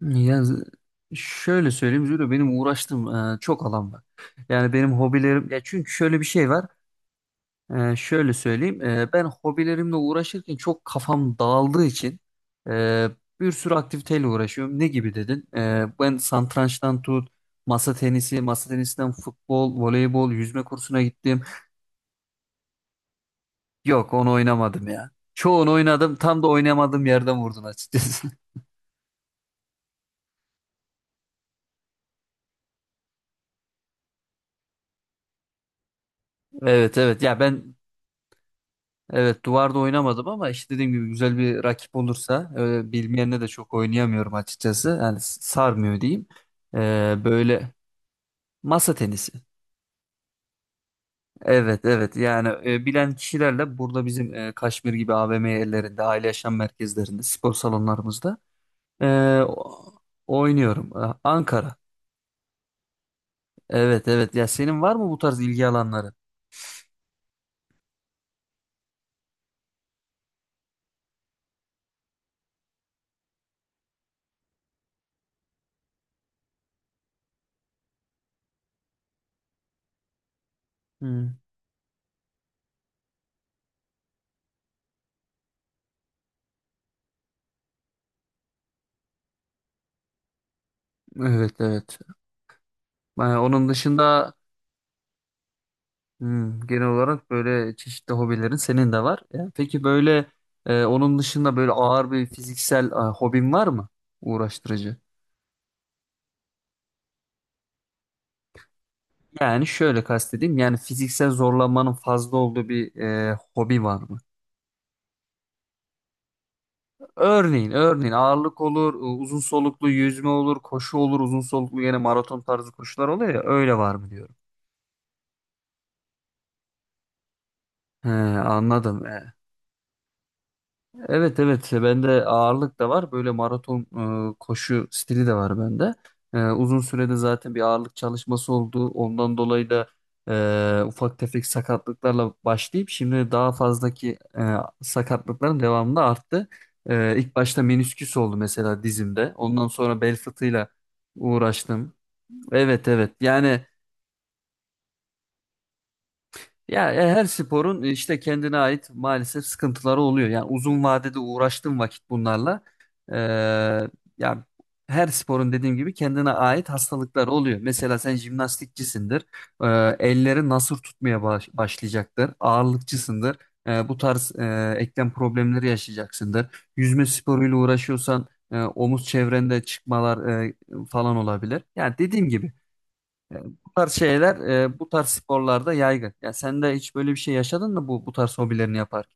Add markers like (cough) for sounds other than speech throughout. Ya z- Şöyle söyleyeyim Zülo, benim uğraştığım çok alan var. Yani benim hobilerim, ya çünkü şöyle bir şey var. Şöyle söyleyeyim, ben hobilerimle uğraşırken çok kafam dağıldığı için e, bir sürü aktiviteyle uğraşıyorum. Ne gibi dedin? Ben satrançtan tut, masa tenisi, masa tenisinden futbol, voleybol, yüzme kursuna gittim. Yok, onu oynamadım ya. Çoğunu oynadım. Tam da oynamadığım yerden vurdun açıkçası. (laughs) Evet, evet. Ya ben, evet, duvarda oynamadım ama işte dediğim gibi güzel bir rakip olursa, bilmeyenle de çok oynayamıyorum açıkçası. Yani sarmıyor diyeyim. Böyle, masa tenisi. Evet evet, yani bilen kişilerle burada bizim Kaşmir gibi AVM yerlerinde, aile yaşam merkezlerinde, spor salonlarımızda, e, o- oynuyorum. Ankara. Evet evet, ya senin var mı bu tarz ilgi alanları? Hmm. Evet, evet. Onun dışında, hmm, genel olarak böyle çeşitli hobilerin senin de var. Ya, peki böyle, onun dışında böyle ağır bir fiziksel hobin var mı? Uğraştırıcı. Yani şöyle kastedeyim. Yani fiziksel zorlanmanın fazla olduğu bir hobi var mı? Örneğin, örneğin ağırlık olur, uzun soluklu yüzme olur, koşu olur, uzun soluklu yine maraton tarzı koşular oluyor ya, öyle var mı diyorum. He, anladım. Evet evet. Bende ağırlık da var, böyle maraton koşu stili de var bende. Uzun sürede zaten bir ağırlık çalışması oldu. Ondan dolayı da ufak tefek sakatlıklarla başlayıp şimdi daha fazlaki sakatlıkların devamında arttı. İlk başta menisküs oldu mesela dizimde. Ondan sonra bel fıtığıyla uğraştım. Evet evet, yani, ya, her sporun, işte kendine ait maalesef sıkıntıları oluyor. Yani uzun vadede uğraştığım vakit bunlarla, e, ya her sporun dediğim gibi kendine ait hastalıkları oluyor. Mesela sen jimnastikçisindir. E, Elleri nasır tutmaya başlayacaktır. Ağırlıkçısındır. Bu tarz eklem problemleri yaşayacaksındır. Yüzme sporuyla uğraşıyorsan omuz çevrende çıkmalar falan olabilir. Yani dediğim gibi bu tarz şeyler bu tarz sporlarda yaygın. Ya sen de hiç böyle bir şey yaşadın mı bu tarz hobilerini yaparken?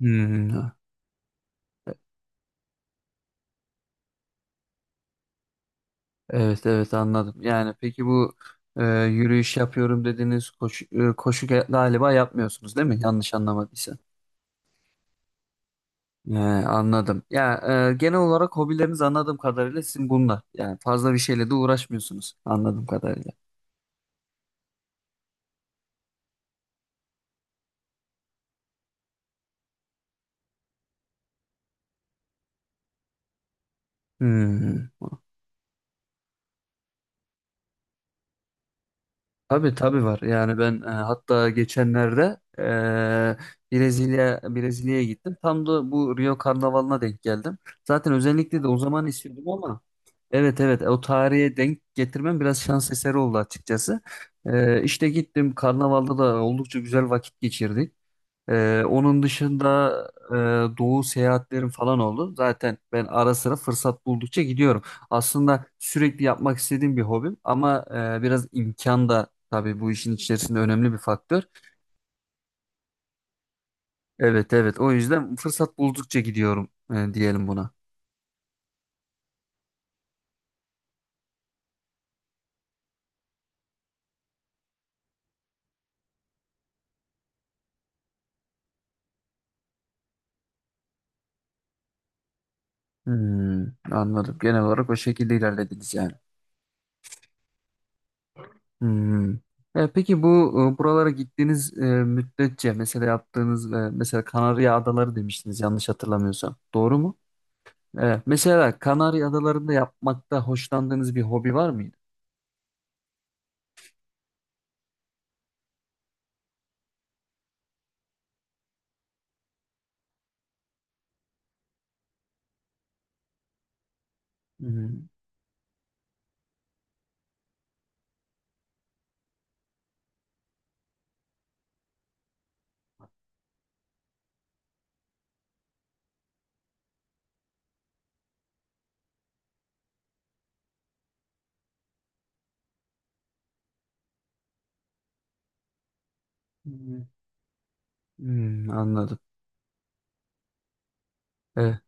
Hmm, evet evet, anladım. Yani peki bu, yürüyüş yapıyorum dediğiniz koşu, koşu galiba yapmıyorsunuz değil mi? Yanlış anlamadıysam. Anladım. Ya, genel olarak hobileriniz, anladığım kadarıyla sizin bunlar. Yani fazla bir şeyle de uğraşmıyorsunuz anladığım kadarıyla. Hmm. Tabii tabii var. Yani ben, hatta geçenlerde Brezilya'ya gittim. Tam da bu Rio Karnavalı'na denk geldim. Zaten özellikle de o zaman istiyordum ama evet evet, o tarihe denk getirmem biraz şans eseri oldu açıkçası. İşte gittim, Karnaval'da da oldukça güzel vakit geçirdik. Onun dışında doğu seyahatlerim falan oldu. Zaten ben ara sıra fırsat buldukça gidiyorum. Aslında sürekli yapmak istediğim bir hobim ama biraz imkan da tabii bu işin içerisinde önemli bir faktör. Evet evet, o yüzden fırsat buldukça gidiyorum, diyelim buna. Hmm, anladım. Genel olarak o şekilde ilerlediniz yani. Hmm. Peki bu, buralara gittiğiniz müddetçe mesela yaptığınız, mesela Kanarya Adaları demiştiniz yanlış hatırlamıyorsam. Doğru mu? Evet. Mesela Kanarya Adaları'nda yapmakta hoşlandığınız bir hobi var mıydı? Hmm, hmm, anladım. Evet.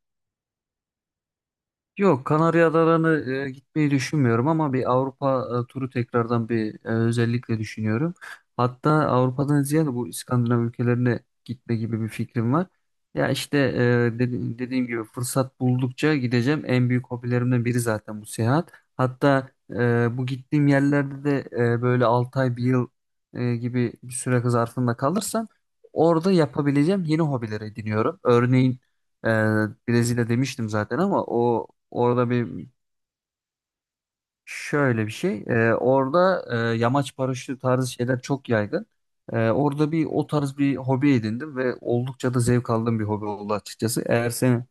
Yok, Kanarya Adaları'nı, gitmeyi düşünmüyorum ama bir Avrupa turu, tekrardan bir, özellikle düşünüyorum. Hatta Avrupa'dan ziyade bu İskandinav ülkelerine gitme gibi bir fikrim var. Ya işte, dediğim gibi fırsat buldukça gideceğim. En büyük hobilerimden biri zaten bu seyahat. Hatta bu gittiğim yerlerde de böyle 6 ay bir yıl gibi bir süre zarfında kalırsam orada yapabileceğim yeni hobiler ediniyorum. Örneğin ee, Brezilya demiştim zaten ama o orada bir, şöyle bir şey. Orada yamaç paraşütü tarzı şeyler çok yaygın. Orada bir o tarz bir hobi edindim ve oldukça da zevk aldığım bir hobi oldu açıkçası. Eğer seni,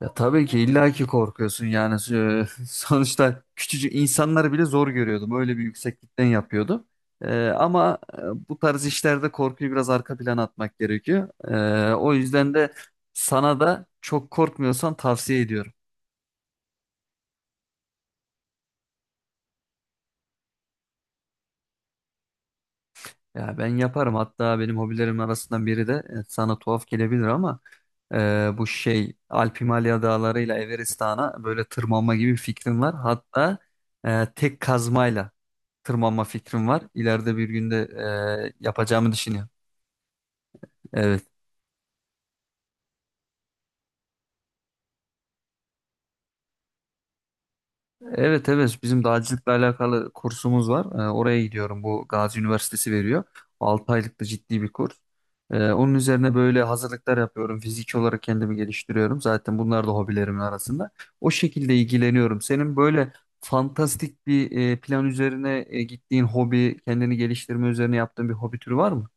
ya tabii ki illaki korkuyorsun yani. (laughs) Sonuçta küçücük insanları bile zor görüyordum. Öyle bir yükseklikten yapıyordum. Ama bu tarz işlerde korkuyu biraz arka plana atmak gerekiyor. O yüzden de sana da çok korkmuyorsan tavsiye ediyorum. Ya ben yaparım. Hatta benim hobilerim arasından biri de, sana tuhaf gelebilir ama e, bu şey Alp Himalaya dağlarıyla Everest Dağı'na böyle tırmanma gibi bir fikrim var. Hatta tek kazmayla tırmanma fikrim var. İleride bir günde yapacağımı düşünüyorum. Evet. Evet evet, bizim dağcılıkla alakalı kursumuz var. Oraya gidiyorum. Bu Gazi Üniversitesi veriyor. 6 aylık da ciddi bir kurs. Onun üzerine böyle hazırlıklar yapıyorum. Fiziki olarak kendimi geliştiriyorum. Zaten bunlar da hobilerimin arasında. O şekilde ilgileniyorum. Senin böyle fantastik bir plan üzerine gittiğin hobi, kendini geliştirme üzerine yaptığın bir hobi türü var mı?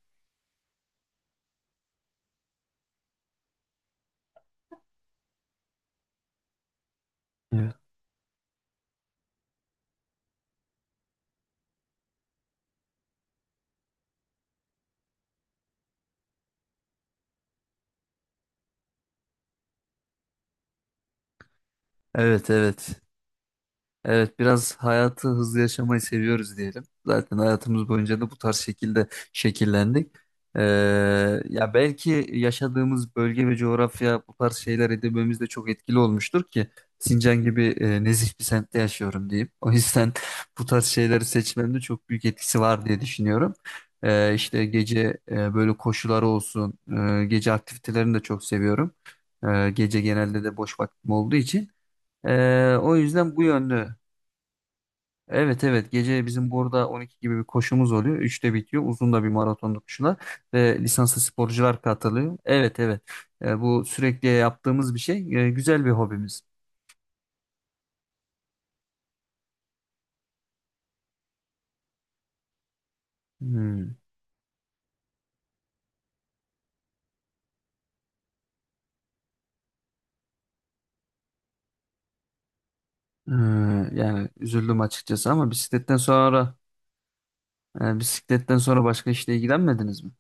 Evet. Evet evet. Evet, biraz hayatı hızlı yaşamayı seviyoruz diyelim. Zaten hayatımız boyunca da bu tarz şekilde şekillendik. Ee, Ya belki yaşadığımız bölge ve coğrafya bu tarz şeyler edinmemizde çok etkili olmuştur ki Sincan gibi nezih bir semtte yaşıyorum diyeyim. O yüzden (laughs) bu tarz şeyleri seçmemde çok büyük etkisi var diye düşünüyorum. İşte gece böyle koşuları olsun, gece aktivitelerini de çok seviyorum. Gece genelde de boş vaktim olduğu için. O yüzden bu yönlü, evet evet, gece bizim burada 12 gibi bir koşumuz oluyor. Üçte bitiyor. Uzun da bir maratonlu koşular ve lisanslı sporcular katılıyor. Evet evet. Bu sürekli yaptığımız bir şey. Güzel bir hobimiz. Hmm. Ee, Yani üzüldüm açıkçası ama bisikletten sonra, bisikletten sonra başka işle ilgilenmediniz mi?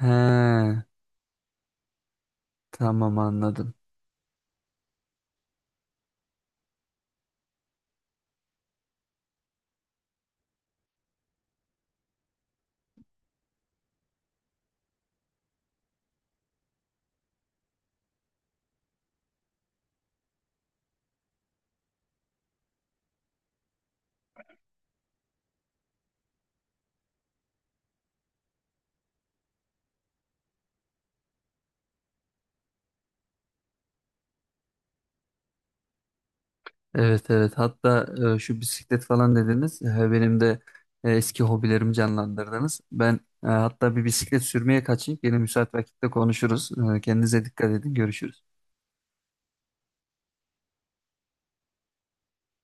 He, tamam, anladım. Evet evet, hatta şu bisiklet falan dediniz. Benim de eski hobilerimi canlandırdınız. Ben, hatta bir bisiklet sürmeye kaçayım, yine müsait vakitte konuşuruz. Kendinize dikkat edin, görüşürüz.